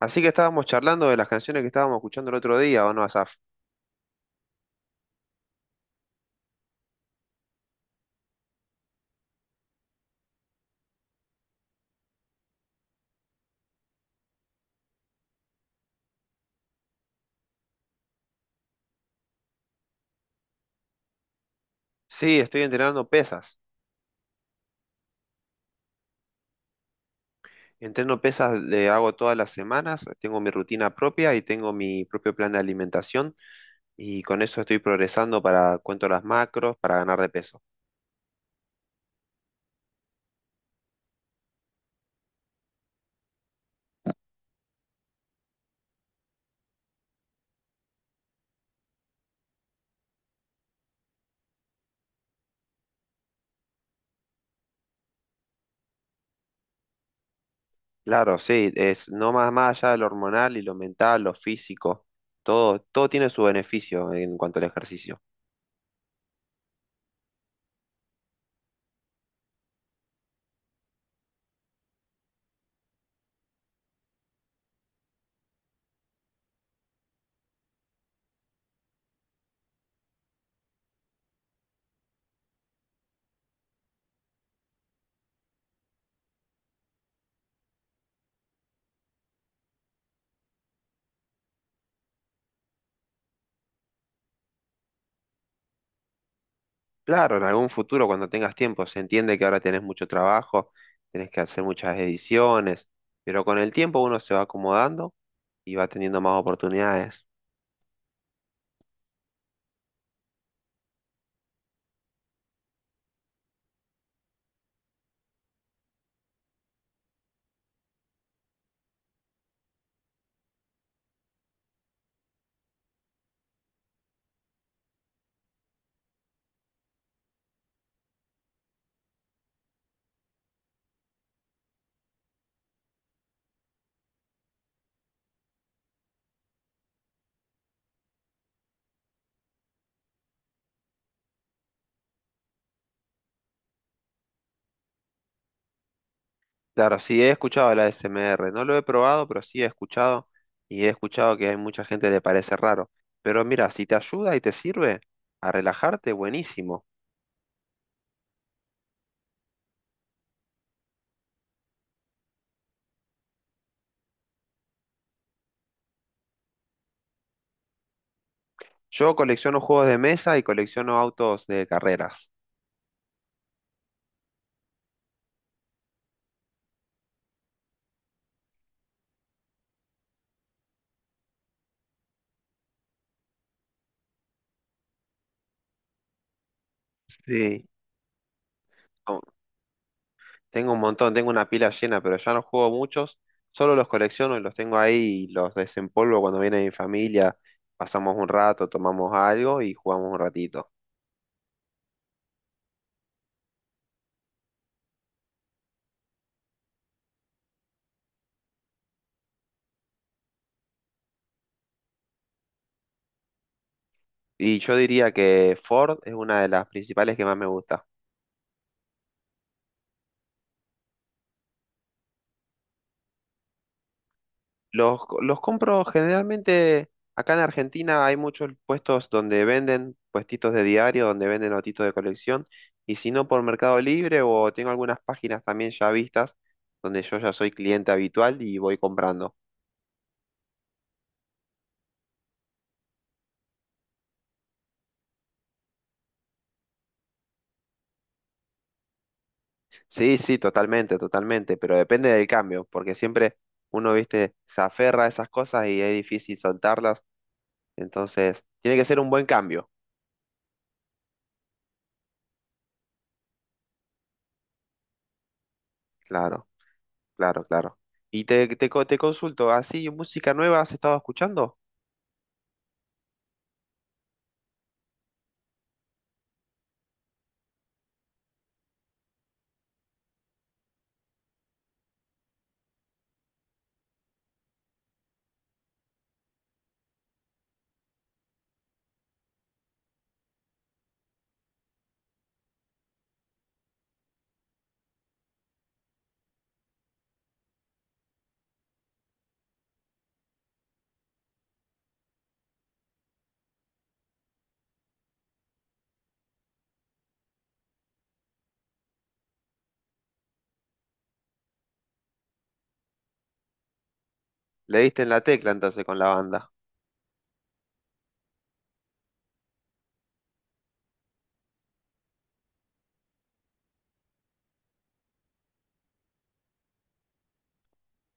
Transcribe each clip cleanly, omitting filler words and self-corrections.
Así que estábamos charlando de las canciones que estábamos escuchando el otro día, ¿o no, Asaf? Sí, estoy entrenando pesas. Entreno pesas, le hago todas las semanas, tengo mi rutina propia y tengo mi propio plan de alimentación y con eso estoy progresando para, cuento las macros, para ganar de peso. Claro, sí, es no más, más allá de lo hormonal y lo mental, lo físico, todo, todo tiene su beneficio en cuanto al ejercicio. Claro, en algún futuro cuando tengas tiempo, se entiende que ahora tenés mucho trabajo, tenés que hacer muchas ediciones, pero con el tiempo uno se va acomodando y va teniendo más oportunidades. Claro, sí he escuchado la SMR, no lo he probado, pero sí he escuchado y he escuchado que hay mucha gente que le parece raro. Pero mira, si te ayuda y te sirve a relajarte, buenísimo. Yo colecciono juegos de mesa y colecciono autos de carreras. Sí, tengo un montón, tengo una pila llena, pero ya no juego muchos, solo los colecciono y los tengo ahí y los desempolvo cuando viene mi familia, pasamos un rato, tomamos algo y jugamos un ratito. Y yo diría que Ford es una de las principales que más me gusta. Los compro generalmente, acá en Argentina hay muchos puestos donde venden, puestitos de diario, donde venden notitos de colección, y si no por Mercado Libre o tengo algunas páginas también ya vistas, donde yo ya soy cliente habitual y voy comprando. Sí, sí, totalmente, totalmente, pero depende del cambio, porque siempre uno, viste, se aferra a esas cosas y es difícil soltarlas, entonces tiene que ser un buen cambio, claro, claro, claro. Y te consulto, ¿así música nueva has estado escuchando? Le diste en la tecla entonces con la banda,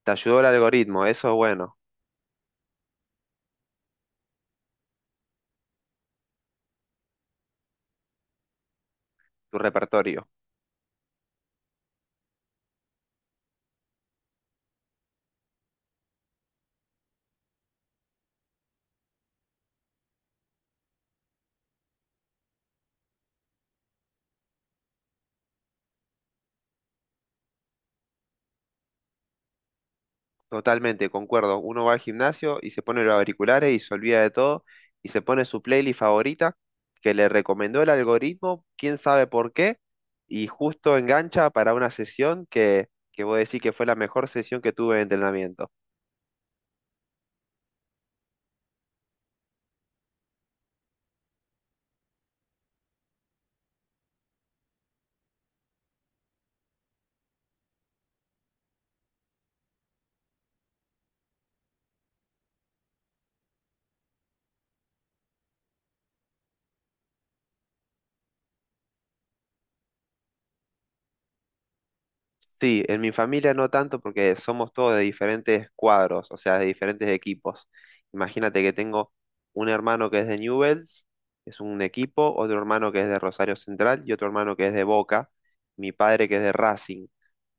te ayudó el algoritmo, eso es bueno, tu repertorio. Totalmente, concuerdo. Uno va al gimnasio y se pone los auriculares y se olvida de todo y se pone su playlist favorita que le recomendó el algoritmo, quién sabe por qué, y justo engancha para una sesión que voy a decir que fue la mejor sesión que tuve de entrenamiento. Sí, en mi familia no tanto porque somos todos de diferentes cuadros, o sea, de diferentes equipos. Imagínate que tengo un hermano que es de Newell's, es un equipo, otro hermano que es de Rosario Central y otro hermano que es de Boca, mi padre que es de Racing.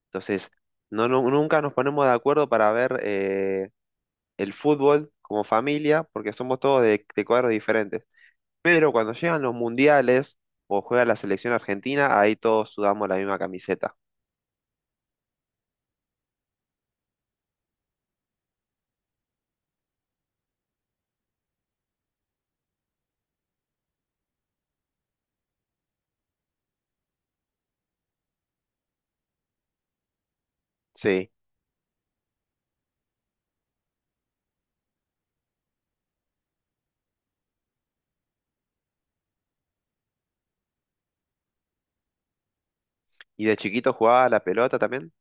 Entonces, no, nunca nos ponemos de acuerdo para ver el fútbol como familia porque somos todos de cuadros diferentes. Pero cuando llegan los mundiales o juega la selección argentina, ahí todos sudamos la misma camiseta. Sí. ¿Y de chiquito jugaba a la pelota también?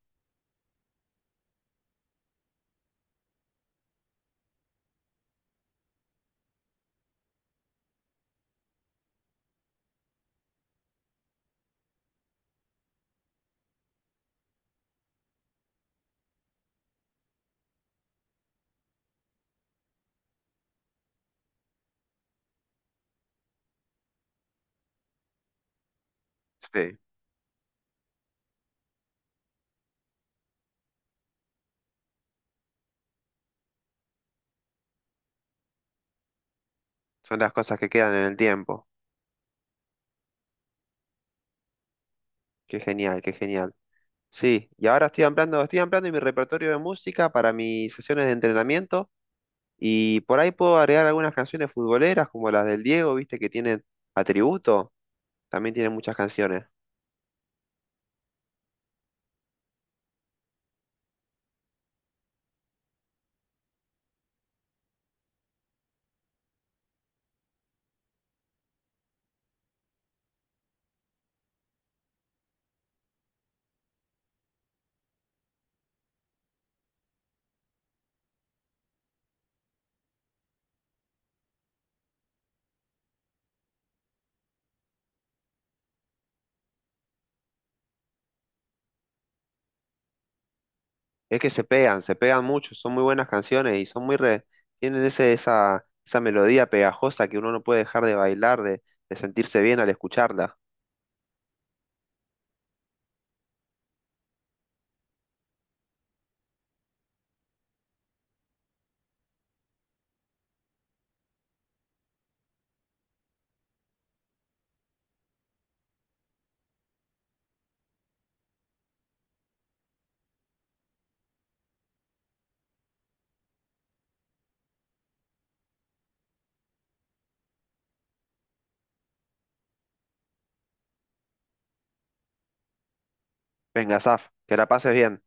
Sí, son las cosas que quedan en el tiempo. Qué genial, qué genial. Sí, y ahora estoy ampliando mi repertorio de música para mis sesiones de entrenamiento y por ahí puedo agregar algunas canciones futboleras como las del Diego, viste, que tienen atributo, también tienen muchas canciones. Es que se pegan mucho, son muy buenas canciones y son muy tienen esa melodía pegajosa que uno no puede dejar de bailar, de sentirse bien al escucharla. Venga, Saf, que la pases bien,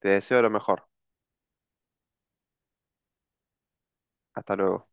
te deseo lo mejor. Hasta luego.